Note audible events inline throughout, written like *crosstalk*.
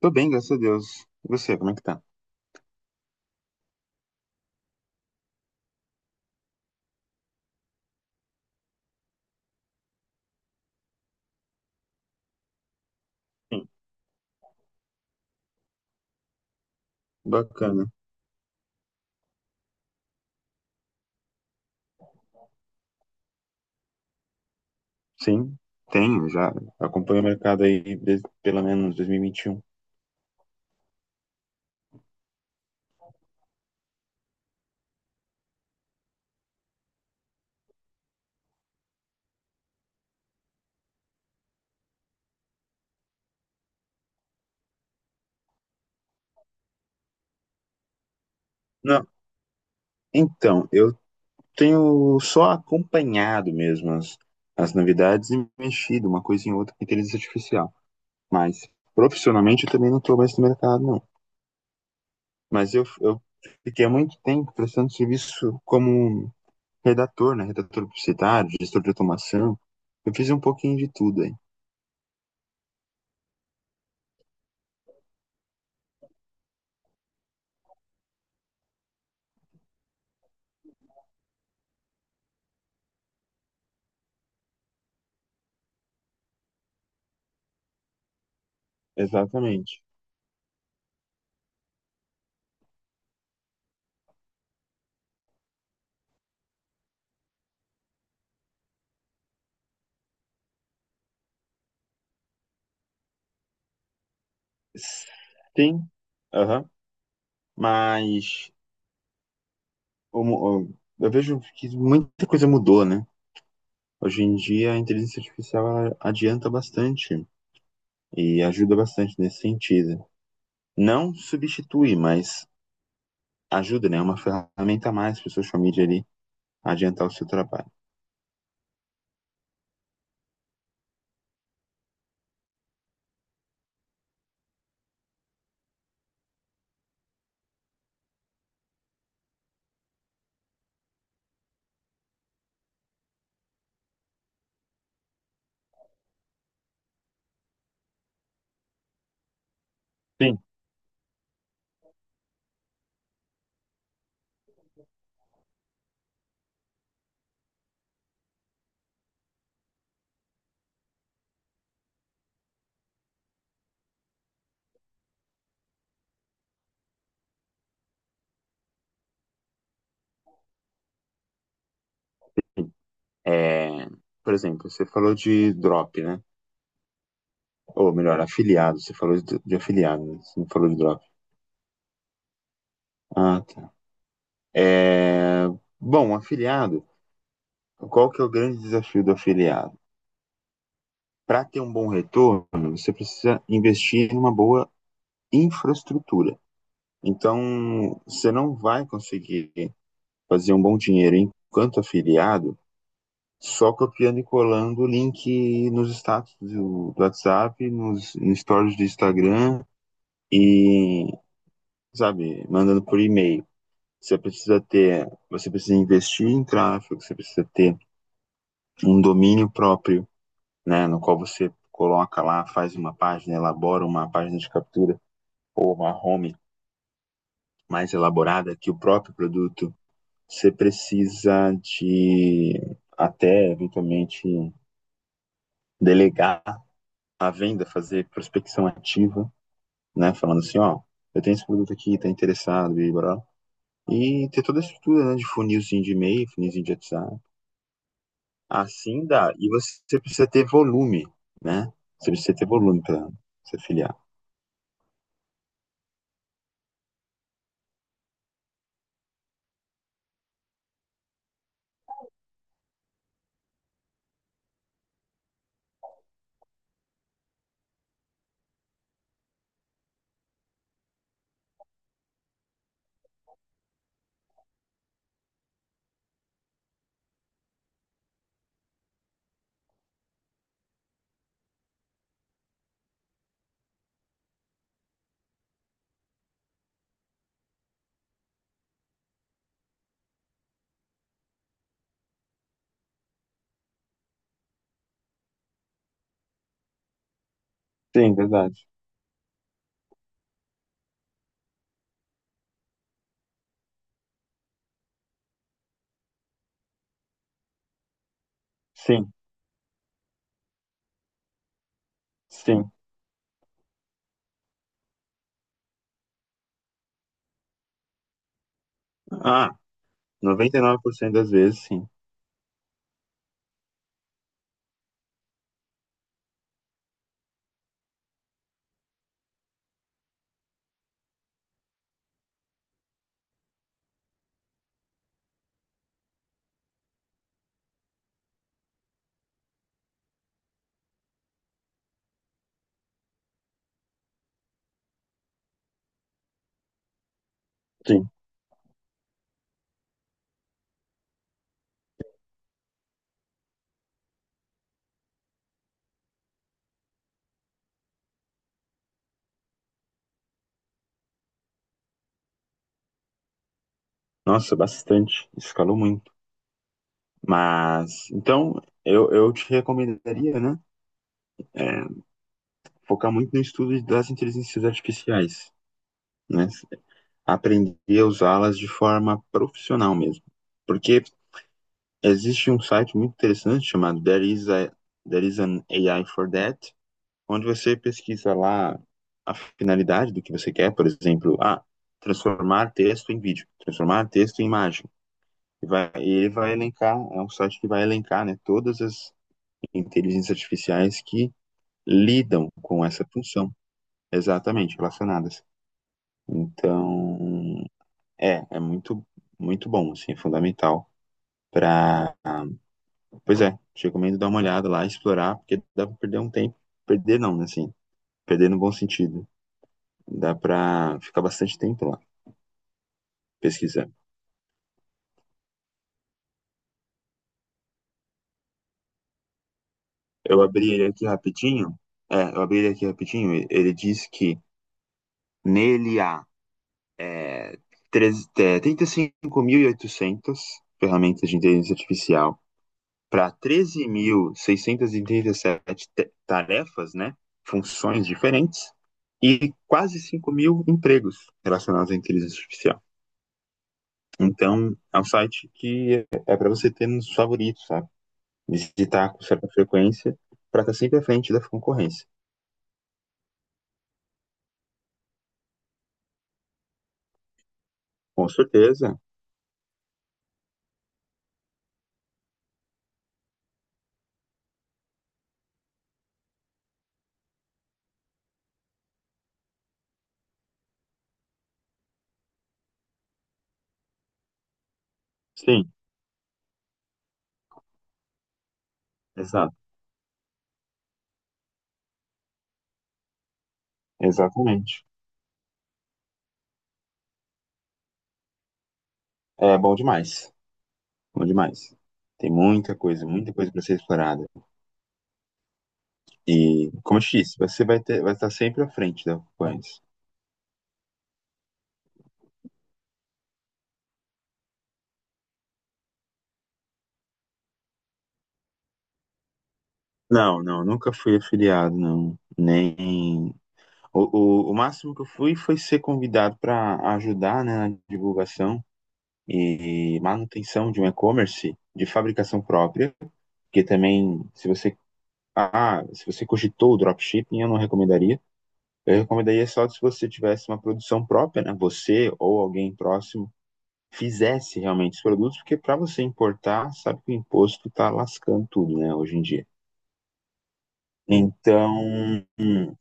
Tô bem, graças a Deus. E você, como é que tá? Sim. Bacana. Sim, tenho, já acompanho o mercado aí desde pelo menos 2021. Não, então, eu tenho só acompanhado mesmo as novidades e mexido uma coisa em outra com inteligência artificial. Mas profissionalmente eu também não tô mais no mercado, não. Mas eu fiquei há muito tempo prestando serviço como redator, né? Redator publicitário, gestor de automação. Eu fiz um pouquinho de tudo aí. Exatamente. Sim, aham. Mas o mu- o- eu vejo que muita coisa mudou, né? Hoje em dia a inteligência artificial ela adianta bastante e ajuda bastante nesse sentido. Não substitui, mas ajuda, né? É uma ferramenta a mais para o social media ali adiantar o seu trabalho. Sim. É, por exemplo, você falou de drop, né? Ou melhor, afiliado. Você falou de afiliado, né? Você não falou de drop. Ah, tá. É, bom, afiliado. Qual que é o grande desafio do afiliado? Para ter um bom retorno, você precisa investir em uma boa infraestrutura. Então, você não vai conseguir fazer um bom dinheiro enquanto afiliado só copiando e colando o link nos status do WhatsApp, nos stories do Instagram e, sabe, mandando por e-mail. Você precisa ter, você precisa investir em tráfego, você precisa ter um domínio próprio, né, no qual você coloca lá, faz uma página, elabora uma página de captura ou uma home mais elaborada que o próprio produto, você precisa de até eventualmente delegar a venda, fazer prospecção ativa, né, falando assim, ó, eu tenho esse produto aqui, tá interessado, e blá, e ter toda a estrutura, né, de funilzinho de e-mail, funilzinho de WhatsApp. Assim dá. E você precisa ter volume, né? Você precisa ter volume para se afiliar. Sim, verdade. Sim, sim. Ah, 99% das vezes, sim. Sim. Nossa, bastante. Escalou muito. Mas, então, eu te recomendaria, né? É, focar muito no estudo das inteligências artificiais, né? Aprender a usá-las de forma profissional mesmo. Porque existe um site muito interessante chamado There is an AI for That, onde você pesquisa lá a finalidade do que você quer, por exemplo, ah, transformar texto em vídeo, transformar texto em imagem. E vai, e ele vai elencar, é um site que vai elencar, né, todas as inteligências artificiais que lidam com essa função, exatamente, relacionadas. Então, é, é muito, muito bom, assim, é fundamental para, pois é, te recomendo dar uma olhada lá, explorar, porque dá para perder um tempo, perder não, né, assim, perder no bom sentido, dá para ficar bastante tempo lá pesquisando. Eu abri ele aqui rapidinho, ele diz que nele há é, 35.800 ferramentas de inteligência artificial para 13.637 tarefas, né, funções diferentes, e quase 5.000 empregos relacionados à inteligência artificial. Então, é um site que é para você ter nos favoritos, sabe? Visitar com certa frequência para estar sempre à frente da concorrência. Com certeza, sim, exato, exatamente. É bom demais. Bom demais. Tem muita coisa para ser explorada. E, como eu te disse, você vai ter, vai estar sempre à frente da Ocupantes. Não, não, nunca fui afiliado, não. Nem. O, o máximo que eu fui foi ser convidado para ajudar, né, na divulgação e manutenção de um e-commerce de fabricação própria, que também, se você. Ah, se você cogitou o dropshipping, eu não recomendaria. Eu recomendaria só se você tivesse uma produção própria, né? Você ou alguém próximo fizesse realmente os produtos, porque para você importar, sabe que o imposto está lascando tudo, né, hoje em dia. Então, hum,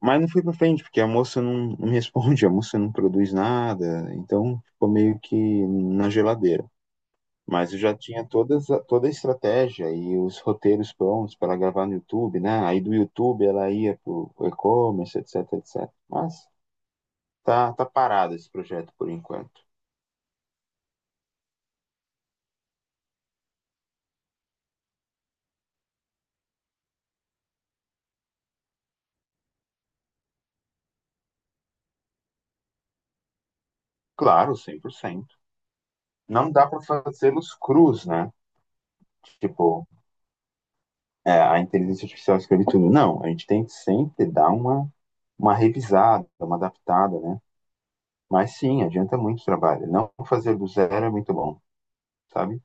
mas não foi para frente, porque a moça não, não me responde, *laughs* a moça não produz nada, então ficou meio que na geladeira. Mas eu já tinha toda a estratégia e os roteiros prontos para gravar no YouTube, né? Aí do YouTube ela ia para e-commerce, etc, etc. Mas tá parado esse projeto por enquanto. Claro, 100%. Não dá para fazê-los cruz, né? Tipo, é, a inteligência artificial escreve tudo. Não, a gente tem que sempre dar uma revisada, uma adaptada, né? Mas sim, adianta muito trabalho. Não fazer do zero é muito bom, sabe?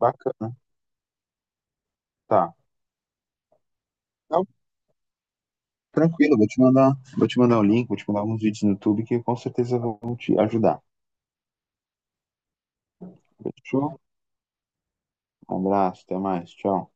Bacana. Tá. Não, tranquilo, vou te mandar um link, vou te mandar alguns vídeos no YouTube que com certeza vão te ajudar. Fechou? Um abraço, até mais, tchau.